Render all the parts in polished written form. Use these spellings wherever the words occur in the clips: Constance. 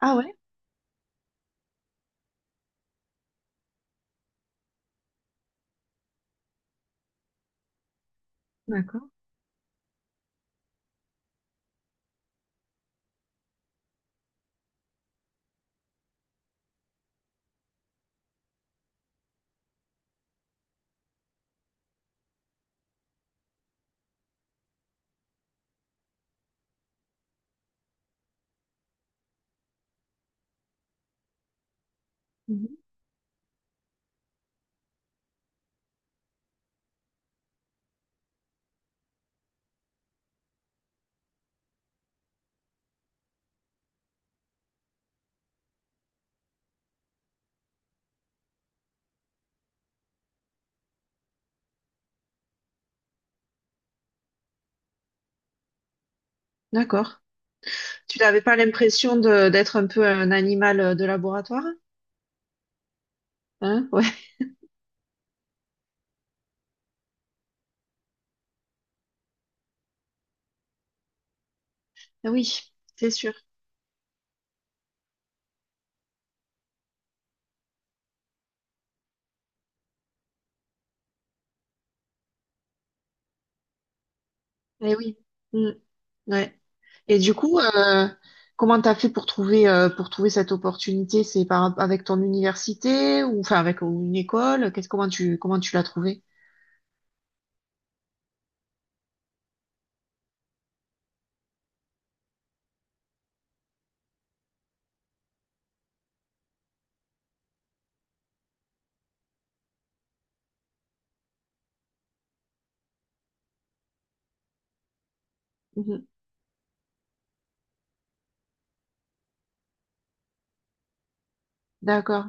Ah ouais, d'accord. Mhm. D'accord. Tu n'avais pas l'impression de d'être un peu un animal de laboratoire? Hein? Ouais. Ah oui, c'est sûr. Eh oui. Mm. Ouais. Et du coup, comment t'as fait pour trouver cette opportunité? C'est par avec ton université ou enfin avec une école? Qu'est-ce Comment tu l'as trouvé? Mhm. D'accord.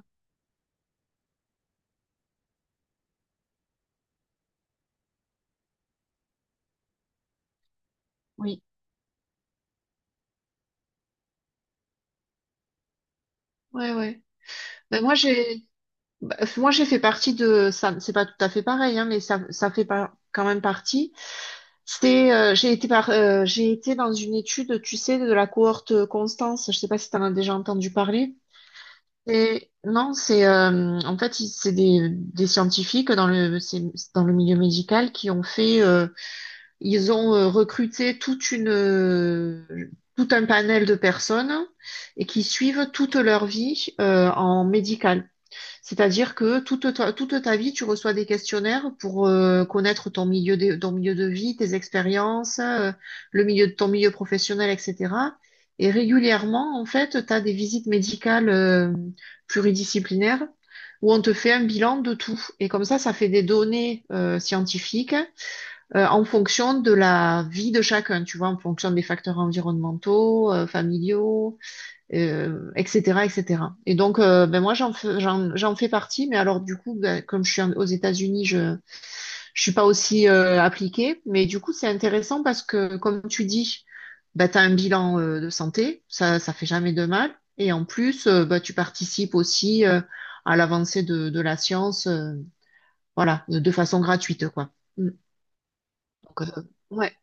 Oui. Ouais, ouais. Ben moi j'ai moi j'ai fait partie de ça. C'est pas tout à fait pareil, hein, mais ça fait pas quand même partie. J'ai été dans une étude, tu sais, de la cohorte Constance. Je sais pas si tu en as déjà entendu parler. Non, c'est en fait c'est des scientifiques dans le milieu médical qui ont fait ils ont recruté tout un panel de personnes et qui suivent toute leur vie en médical. C'est-à-dire que toute ta vie, tu reçois des questionnaires pour connaître ton milieu de vie, tes expériences, le milieu de ton milieu professionnel, etc. Et régulièrement, en fait, tu as des visites médicales pluridisciplinaires où on te fait un bilan de tout. Et comme ça fait des données scientifiques en fonction de la vie de chacun, tu vois, en fonction des facteurs environnementaux, familiaux, etc., etc. Et cetera. Et donc, ben moi, j'en fais partie, mais alors du coup, ben, comme je suis aux États-Unis, je suis pas aussi appliquée, mais du coup, c'est intéressant parce que, comme tu dis, bah tu as un bilan de santé, ça fait jamais de mal, et en plus, ben, tu participes aussi à l'avancée de la science, voilà, de façon gratuite, quoi. Mm. Donc, ouais.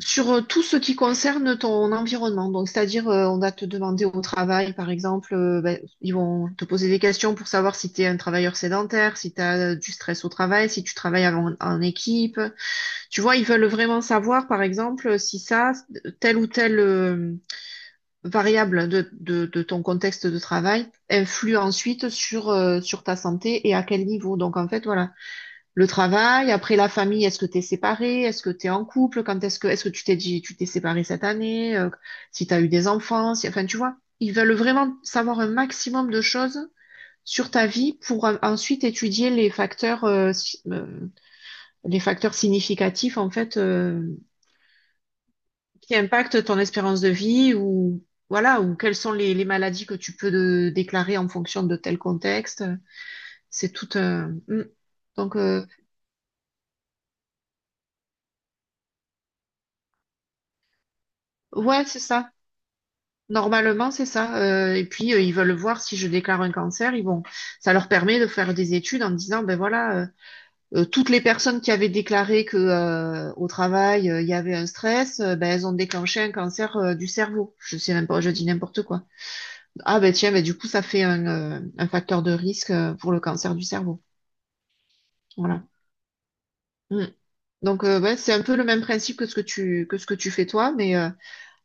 Sur tout ce qui concerne ton environnement, donc c'est-à-dire on va te demander au travail, par exemple, ben, ils vont te poser des questions pour savoir si tu es un travailleur sédentaire, si tu as du stress au travail, si tu travailles en équipe. Tu vois, ils veulent vraiment savoir, par exemple, si ça, telle ou telle variable de ton contexte de travail influe ensuite sur ta santé et à quel niveau. Donc en fait, voilà le travail, après la famille, est-ce que tu es séparé, est-ce que tu es en couple, quand est-ce que tu t'es séparé cette année, si tu as eu des enfants, enfin tu vois, ils veulent vraiment savoir un maximum de choses sur ta vie pour ensuite étudier les facteurs si- les facteurs significatifs en fait qui impactent ton espérance de vie ou voilà, ou quelles sont les maladies que tu peux déclarer en fonction de tel contexte. C'est tout un. Mm. Donc ouais, c'est ça. Normalement, c'est ça. Et puis, ils veulent voir si je déclare un cancer. Ça leur permet de faire des études en disant, ben voilà, toutes les personnes qui avaient déclaré que au travail il y avait un stress, ben elles ont déclenché un cancer du cerveau. Je dis n'importe quoi. Ah ben tiens, ben du coup, ça fait un facteur de risque pour le cancer du cerveau. Voilà. Mm. Donc, ouais, c'est un peu le même principe que ce que tu fais toi, mais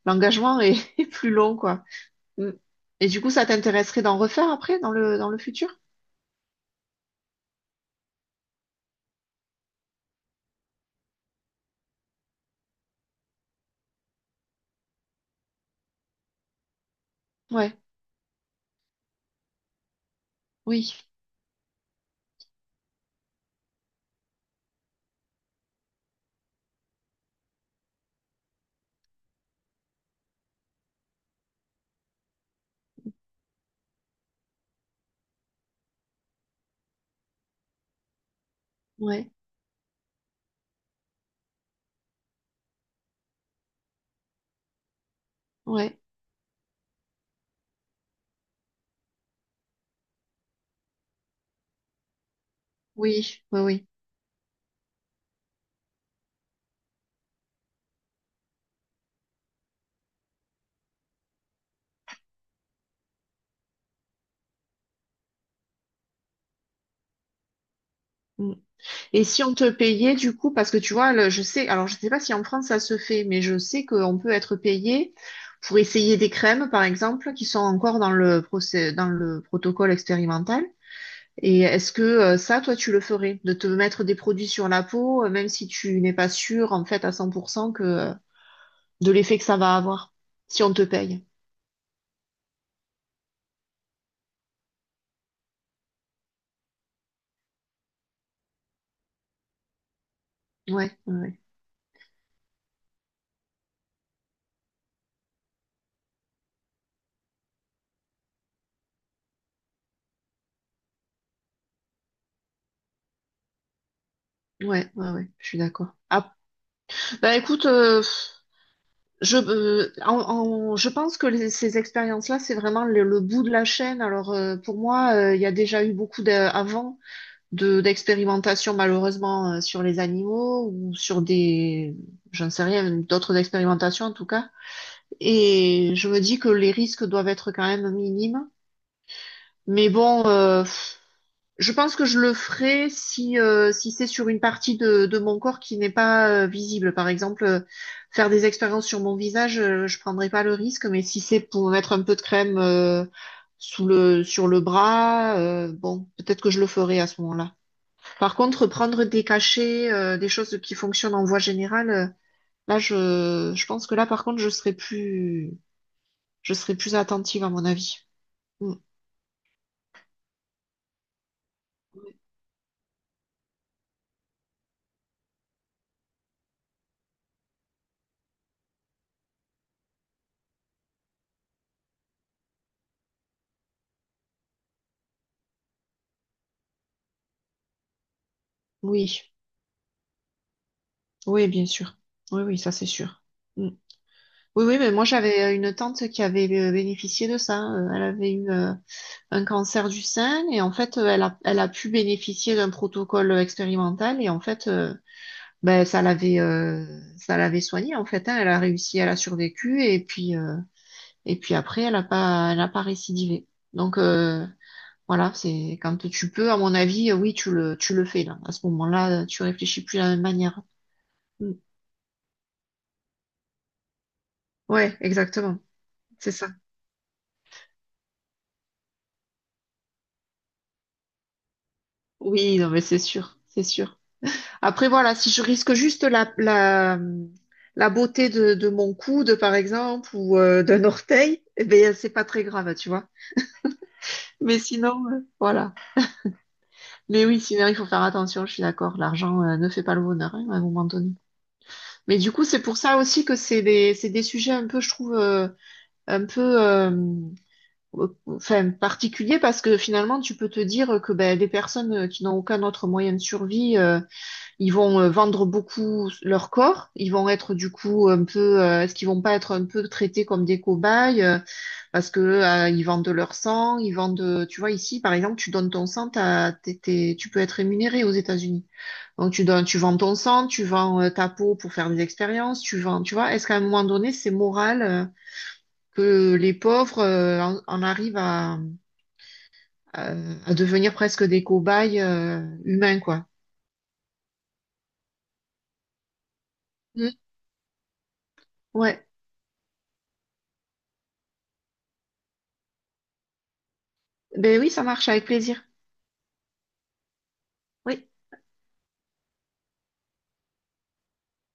l'engagement est, est plus long, quoi. Mm. Et du coup, ça t'intéresserait d'en refaire après, dans le futur? Ouais, oui, ouais, ouais, oui, oui, oui. Mm. Et si on te payait, du coup, parce que tu vois, alors je sais pas si en France ça se fait, mais je sais qu'on peut être payé pour essayer des crèmes, par exemple, qui sont encore dans le protocole expérimental. Et est-ce que ça, toi, tu le ferais, de te mettre des produits sur la peau, même si tu n'es pas sûr, en fait, à 100% de l'effet que ça va avoir, si on te paye? Ouais, ouais. Ouais, ouais, ouais, je suis d'accord. Ah, bah écoute, je, euh, en- je pense que ces expériences-là, c'est vraiment le bout de la chaîne. Alors pour moi, il y a déjà eu beaucoup avant d'expérimentations malheureusement sur les animaux ou sur des, je ne sais rien, d'autres expérimentations en tout cas. Et je me dis que les risques doivent être quand même minimes. Mais bon. Je pense que je le ferai si c'est sur une partie de mon corps qui n'est pas visible. Par exemple, faire des expériences sur mon visage, je prendrai pas le risque, mais si c'est pour mettre un peu de crème sur le bras, bon, peut-être que je le ferai à ce moment-là. Par contre, prendre des cachets, des choses qui fonctionnent en voie générale, là, je pense que là, par contre, je serai plus attentive à mon avis. Mm. Oui, oui, bien sûr. Oui, oui, ça c'est sûr. Mm. Oui, oui, mais moi j'avais une tante qui avait bénéficié de ça. Elle avait eu un cancer du sein et en fait elle a pu bénéficier d'un protocole expérimental et en fait ben, ça l'avait soignée en fait, hein. Elle a réussi, elle a survécu et puis après elle a pas récidivé. Donc voilà, c'est quand tu peux, à mon avis, oui, tu le fais là. À ce moment-là, tu réfléchis plus de la même manière. Mm. Ouais, exactement, c'est ça. Oui, non mais c'est sûr, c'est sûr. Après, voilà, si je risque juste la beauté de mon coude, par exemple, ou d'un orteil, eh ben, c'est pas très grave, tu vois. Mais sinon, voilà. Mais oui, sinon, il faut faire attention, je suis d'accord. L'argent, ne fait pas le bonheur, hein, à un moment donné. Mais du coup, c'est pour ça aussi que c'est des sujets un peu, je trouve, un peu, enfin, particuliers, parce que finalement, tu peux te dire que ben, des personnes qui n'ont aucun autre moyen de survie, ils vont vendre beaucoup leur corps, ils vont être du coup un peu, est-ce qu'ils vont pas être un peu traités comme des cobayes parce que ils vendent leur sang, tu vois ici par exemple, tu donnes ton sang, t'as- t'es- t'es- tu peux être rémunéré aux États-Unis. Donc tu donnes, tu vends ton sang, tu vends ta peau pour faire des expériences, tu vois. Est-ce qu'à un moment donné c'est moral que les pauvres en arrivent à- à devenir presque des cobayes humains, quoi? Hmm. Ouais. Ben oui, ça marche avec plaisir. Oui.